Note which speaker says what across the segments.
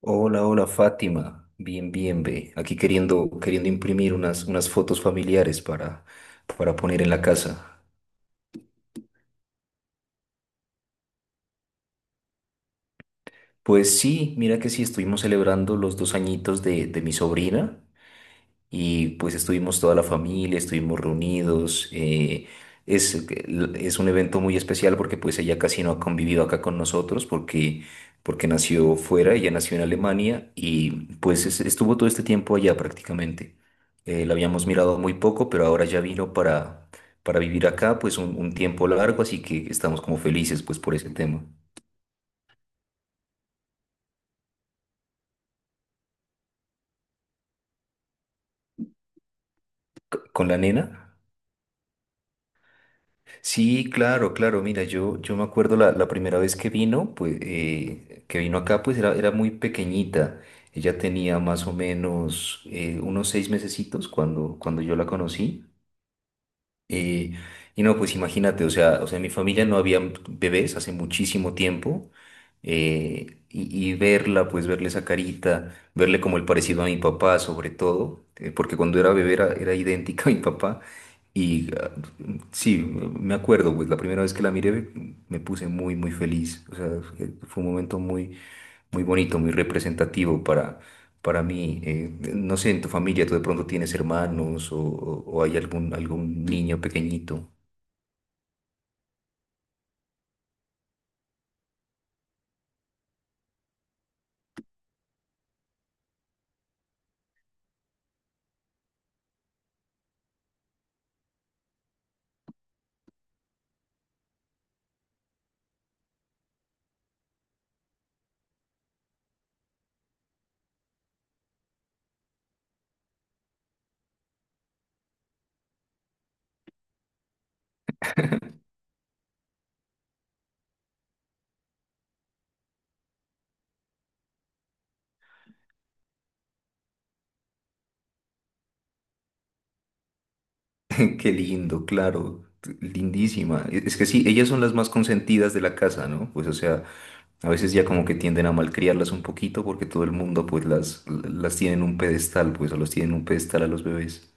Speaker 1: Hola, hola Fátima. Bien, bien, ve. Aquí queriendo imprimir unas fotos familiares para poner en la casa. Pues sí, mira que sí, estuvimos celebrando los 2 añitos de mi sobrina. Y pues estuvimos toda la familia, estuvimos reunidos. Es, es un evento muy especial porque pues ella casi no ha convivido acá con nosotros porque nació fuera, ella nació en Alemania y pues estuvo todo este tiempo allá prácticamente. La habíamos mirado muy poco, pero ahora ya vino para vivir acá pues un tiempo largo, así que estamos como felices pues por ese tema. ¿Con la nena? Sí, claro, claro. Mira, yo me acuerdo la primera vez que vino, pues, que vino acá, pues era muy pequeñita. Ella tenía más o menos unos 6 mesecitos cuando yo la conocí. Y, y no, pues imagínate, o sea, en mi familia no había bebés hace muchísimo tiempo. Y verla, pues verle esa carita, verle como el parecido a mi papá, sobre todo, porque cuando era bebé era idéntica a mi papá. Y sí, me acuerdo, pues la primera vez que la miré me puse muy, muy feliz. O sea, fue un momento muy, muy bonito, muy representativo para mí. No sé, en tu familia, tú de pronto tienes hermanos o hay algún niño pequeñito. Qué lindo, claro, lindísima. Es que sí, ellas son las más consentidas de la casa, ¿no? Pues o sea, a veces ya como que tienden a malcriarlas un poquito porque todo el mundo pues las tiene en un pedestal, pues o los tiene en un pedestal a los bebés.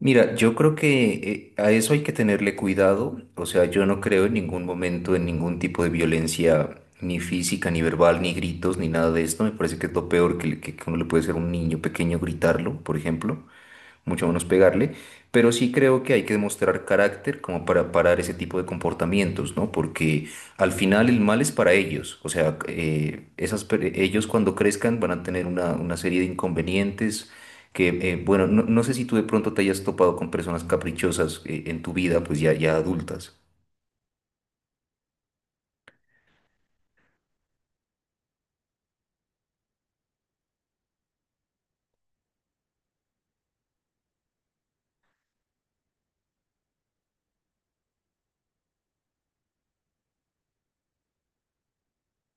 Speaker 1: Mira, yo creo que a eso hay que tenerle cuidado. O sea, yo no creo en ningún momento en ningún tipo de violencia, ni física, ni verbal, ni gritos, ni nada de esto. Me parece que es lo peor que uno le puede hacer a un niño pequeño gritarlo, por ejemplo, mucho menos pegarle, pero sí creo que hay que demostrar carácter como para parar ese tipo de comportamientos, ¿no? Porque al final el mal es para ellos, o sea, ellos cuando crezcan van a tener una serie de inconvenientes que, bueno, no sé si tú de pronto te hayas topado con personas caprichosas, en tu vida, pues ya adultas.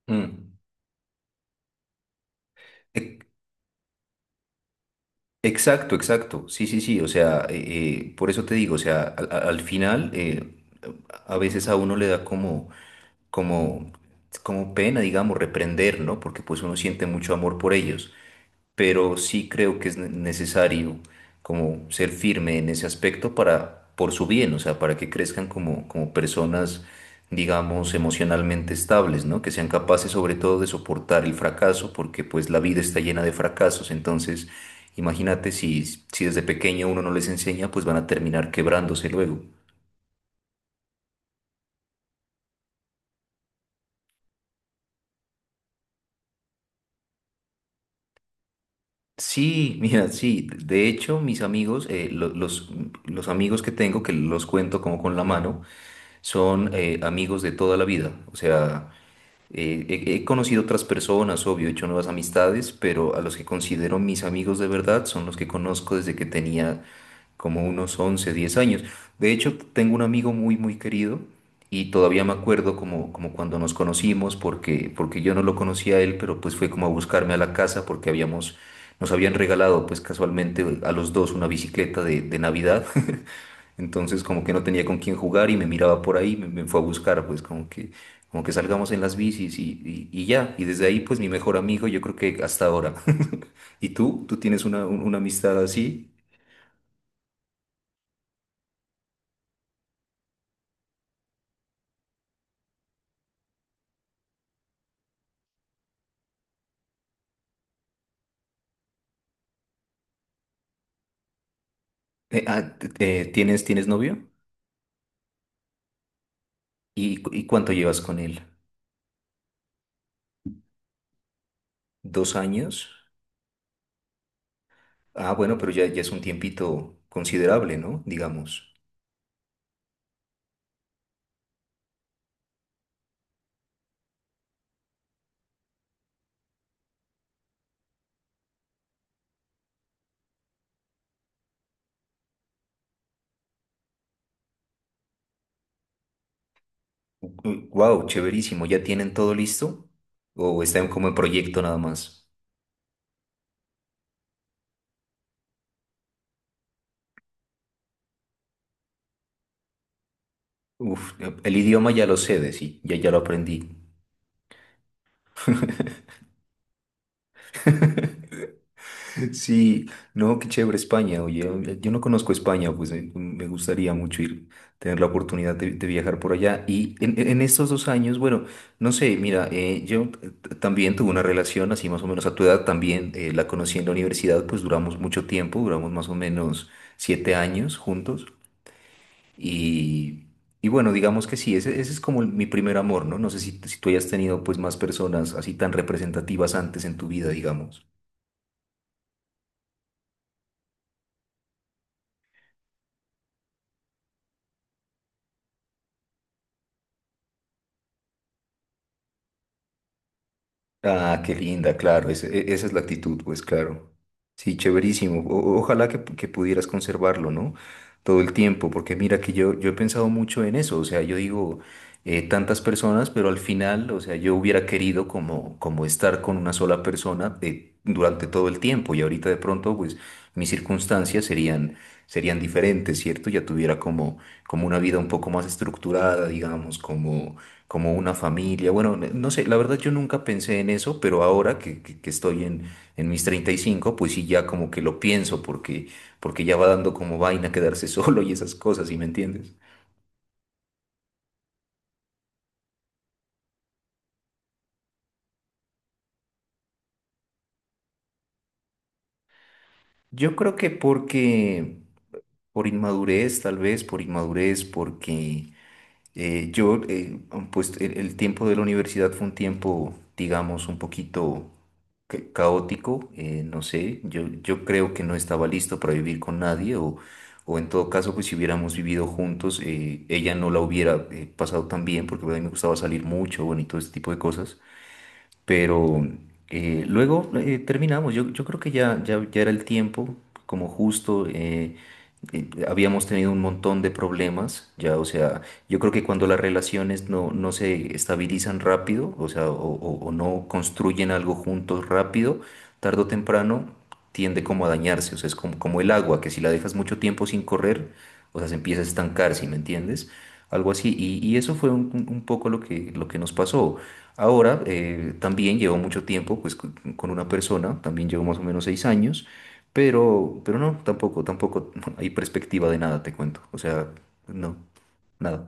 Speaker 1: Mm. E- Exacto, exacto. Sí, sí, sí. O sea, por eso te digo, o sea, al final, a veces a uno le da como, como pena, digamos, reprender, ¿no? Porque pues uno siente mucho amor por ellos, pero sí creo que es necesario como ser firme en ese aspecto para, por su bien, o sea, para que crezcan como personas, digamos, emocionalmente estables, ¿no? Que sean capaces sobre todo de soportar el fracaso, porque pues la vida está llena de fracasos, entonces. Imagínate si desde pequeño uno no les enseña, pues van a terminar quebrándose luego. Sí, mira, sí. De hecho, mis amigos, los amigos que tengo, que los cuento como con la mano, son amigos de toda la vida. O sea, he conocido otras personas, obvio, he hecho nuevas amistades, pero a los que considero mis amigos de verdad son los que conozco desde que tenía como unos 11, 10 años. De hecho, tengo un amigo muy, muy querido y todavía me acuerdo como cuando nos conocimos, porque yo no lo conocía a él, pero pues fue como a buscarme a la casa porque nos habían regalado pues casualmente a los dos una bicicleta de Navidad, entonces como que no tenía con quién jugar y me miraba por ahí, me fue a buscar, pues como que salgamos en las bicis y ya. Y desde ahí pues mi mejor amigo, yo creo, que hasta ahora. ¿Y tú? ¿Tú tienes una amistad así? Eh, ah, t- tienes novio? ¿Y cuánto llevas con él? ¿2 años? Ah, bueno, pero ya es un tiempito considerable, ¿no? Digamos. Wow, chéverísimo. ¿Ya tienen todo listo? ¿O están como en proyecto nada más? Uf, el idioma ya lo sé, de sí, ya lo aprendí. Sí, no, qué chévere España, oye, yo no conozco España, pues me gustaría mucho ir, tener la oportunidad de viajar por allá. Y en estos 2 años, bueno, no sé, mira, yo también tuve una relación así más o menos a tu edad, también la conocí en la universidad, pues duramos mucho tiempo, duramos más o menos 7 años juntos. Y, y bueno, digamos que sí, ese es como mi primer amor, ¿no? No sé si tú hayas tenido pues más personas así tan representativas antes en tu vida, digamos. Ah, qué linda, claro, esa es la actitud, pues claro. Sí, chéverísimo. Ojalá que pudieras conservarlo, ¿no? Todo el tiempo, porque mira que yo he pensado mucho en eso, o sea, yo digo, tantas personas, pero al final, o sea, yo hubiera querido como estar con una sola persona, durante todo el tiempo, y ahorita de pronto, pues mis circunstancias serían diferentes, ¿cierto? Ya tuviera como una vida un poco más estructurada, digamos, como una familia. Bueno, no sé, la verdad yo nunca pensé en eso, pero ahora que estoy en mis 35, pues sí, ya como que lo pienso porque, ya va dando como vaina quedarse solo y esas cosas, ¿sí me entiendes? Yo creo que por inmadurez, tal vez, por inmadurez, Eh, yo, eh, pues el tiempo de la universidad fue un tiempo, digamos, un poquito caótico, no sé, yo creo que no estaba listo para vivir con nadie o en todo caso, pues si hubiéramos vivido juntos, ella no la hubiera pasado tan bien porque pues, a mí me gustaba salir mucho, bueno, y todo ese tipo de cosas. Pero luego terminamos. Yo creo que ya era el tiempo, como justo, habíamos tenido un montón de problemas. Ya, o sea, yo creo que cuando las relaciones no se estabilizan rápido, o sea, o no construyen algo juntos rápido, tarde o temprano tiende como a dañarse. O sea, es como el agua, que si la dejas mucho tiempo sin correr, o sea, se empieza a estancar, ¿sí me entiendes? Algo así. Y eso fue un poco lo que nos pasó. Ahora, también llevo mucho tiempo pues, con una persona, también llevo más o menos 6 años, pero no, tampoco hay perspectiva de nada, te cuento. O sea, no, nada.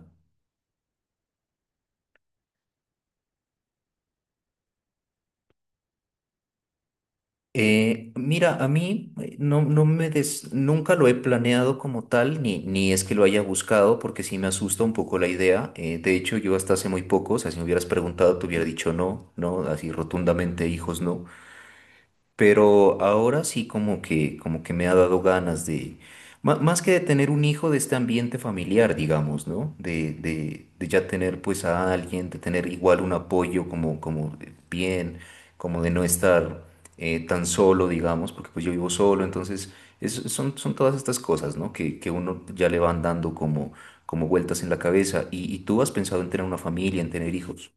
Speaker 1: Mira, a mí, no nunca lo he planeado como tal, ni es que lo haya buscado, porque sí me asusta un poco la idea. De hecho, yo hasta hace muy poco, o sea, si me hubieras preguntado, te hubiera dicho no, no, así rotundamente, hijos no. Pero ahora sí como que, me ha dado ganas de, más que de tener un hijo, de este ambiente familiar, digamos, ¿no? De ya tener pues a alguien, de tener igual un apoyo como de bien, como de no estar tan solo, digamos, porque pues yo vivo solo, entonces son todas estas cosas, ¿no? Que uno ya le van dando como vueltas en la cabeza. ¿Y tú has pensado en tener una familia, en tener hijos?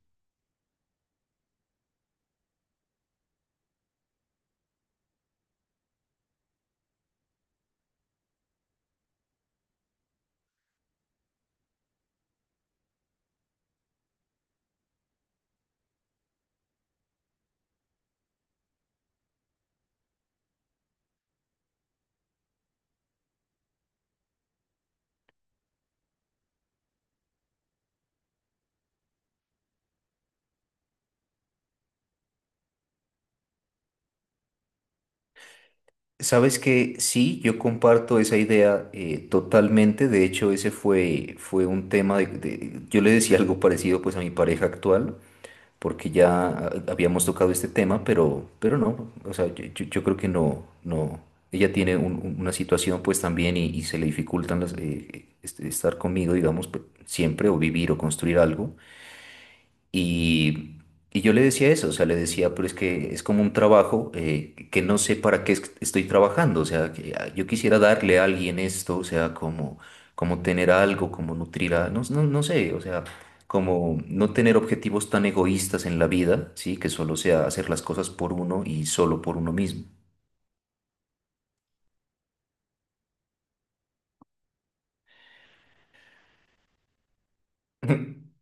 Speaker 1: Sabes que sí, yo comparto esa idea, totalmente. De hecho, ese fue un tema yo le decía algo parecido pues a mi pareja actual, porque ya habíamos tocado este tema, pero no, o sea, yo creo que no, no. Ella tiene una situación pues también y se le dificultan estar conmigo, digamos, siempre, o vivir o construir algo. Y, y yo le decía eso, o sea, le decía, pero es que es como un trabajo, que no sé para qué estoy trabajando, o sea, que yo quisiera darle a alguien esto, o sea, como, tener algo, como nutrir a, no sé, o sea, como no tener objetivos tan egoístas en la vida, ¿sí? Que solo sea hacer las cosas por uno y solo por uno mismo.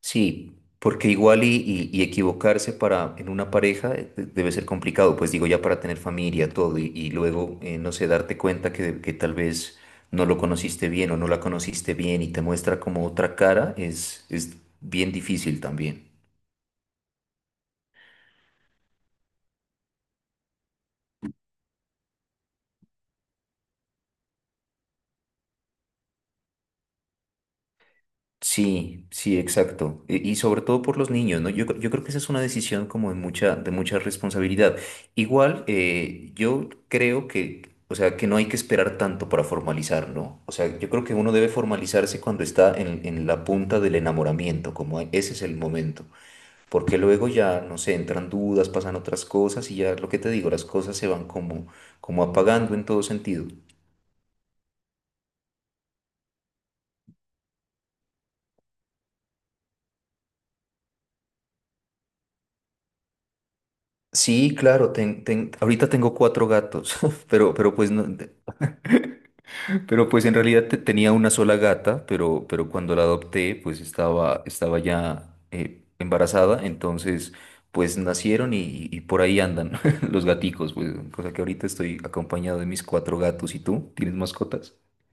Speaker 1: Sí, porque igual, y equivocarse para en una pareja, debe ser complicado, pues digo ya para tener familia, todo, y luego, no sé, darte cuenta que, tal vez no lo conociste bien o no la conociste bien y te muestra como otra cara, es bien difícil también. Sí, sí, exacto. Y sobre todo por los niños, ¿no? Yo creo que esa es una decisión como de mucha responsabilidad. Igual, yo creo que, o sea, que no hay que esperar tanto para formalizar, ¿no? O sea, yo creo que uno debe formalizarse cuando está en la punta del enamoramiento, como ese es el momento. Porque luego ya, no sé, entran dudas, pasan otras cosas, y ya lo que te digo, las cosas se van como apagando en todo sentido. Sí, claro, ahorita tengo cuatro gatos, pero pues no. Pero pues en realidad tenía una sola gata, pero cuando la adopté pues estaba, ya embarazada, entonces pues nacieron y por ahí andan los gaticos, pues cosa que ahorita estoy acompañado de mis cuatro gatos. ¿Y tú? ¿Tienes mascotas?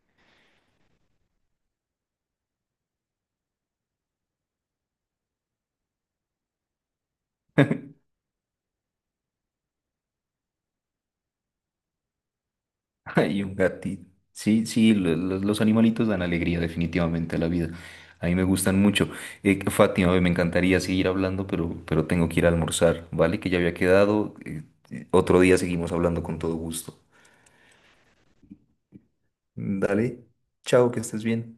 Speaker 1: Hay un gatito. Sí, sí, los animalitos dan alegría definitivamente a la vida. A mí me gustan mucho. Fátima, me encantaría seguir hablando, pero tengo que ir a almorzar, ¿vale? Que ya había quedado. Otro día seguimos hablando con todo gusto. Dale, chao, que estés bien.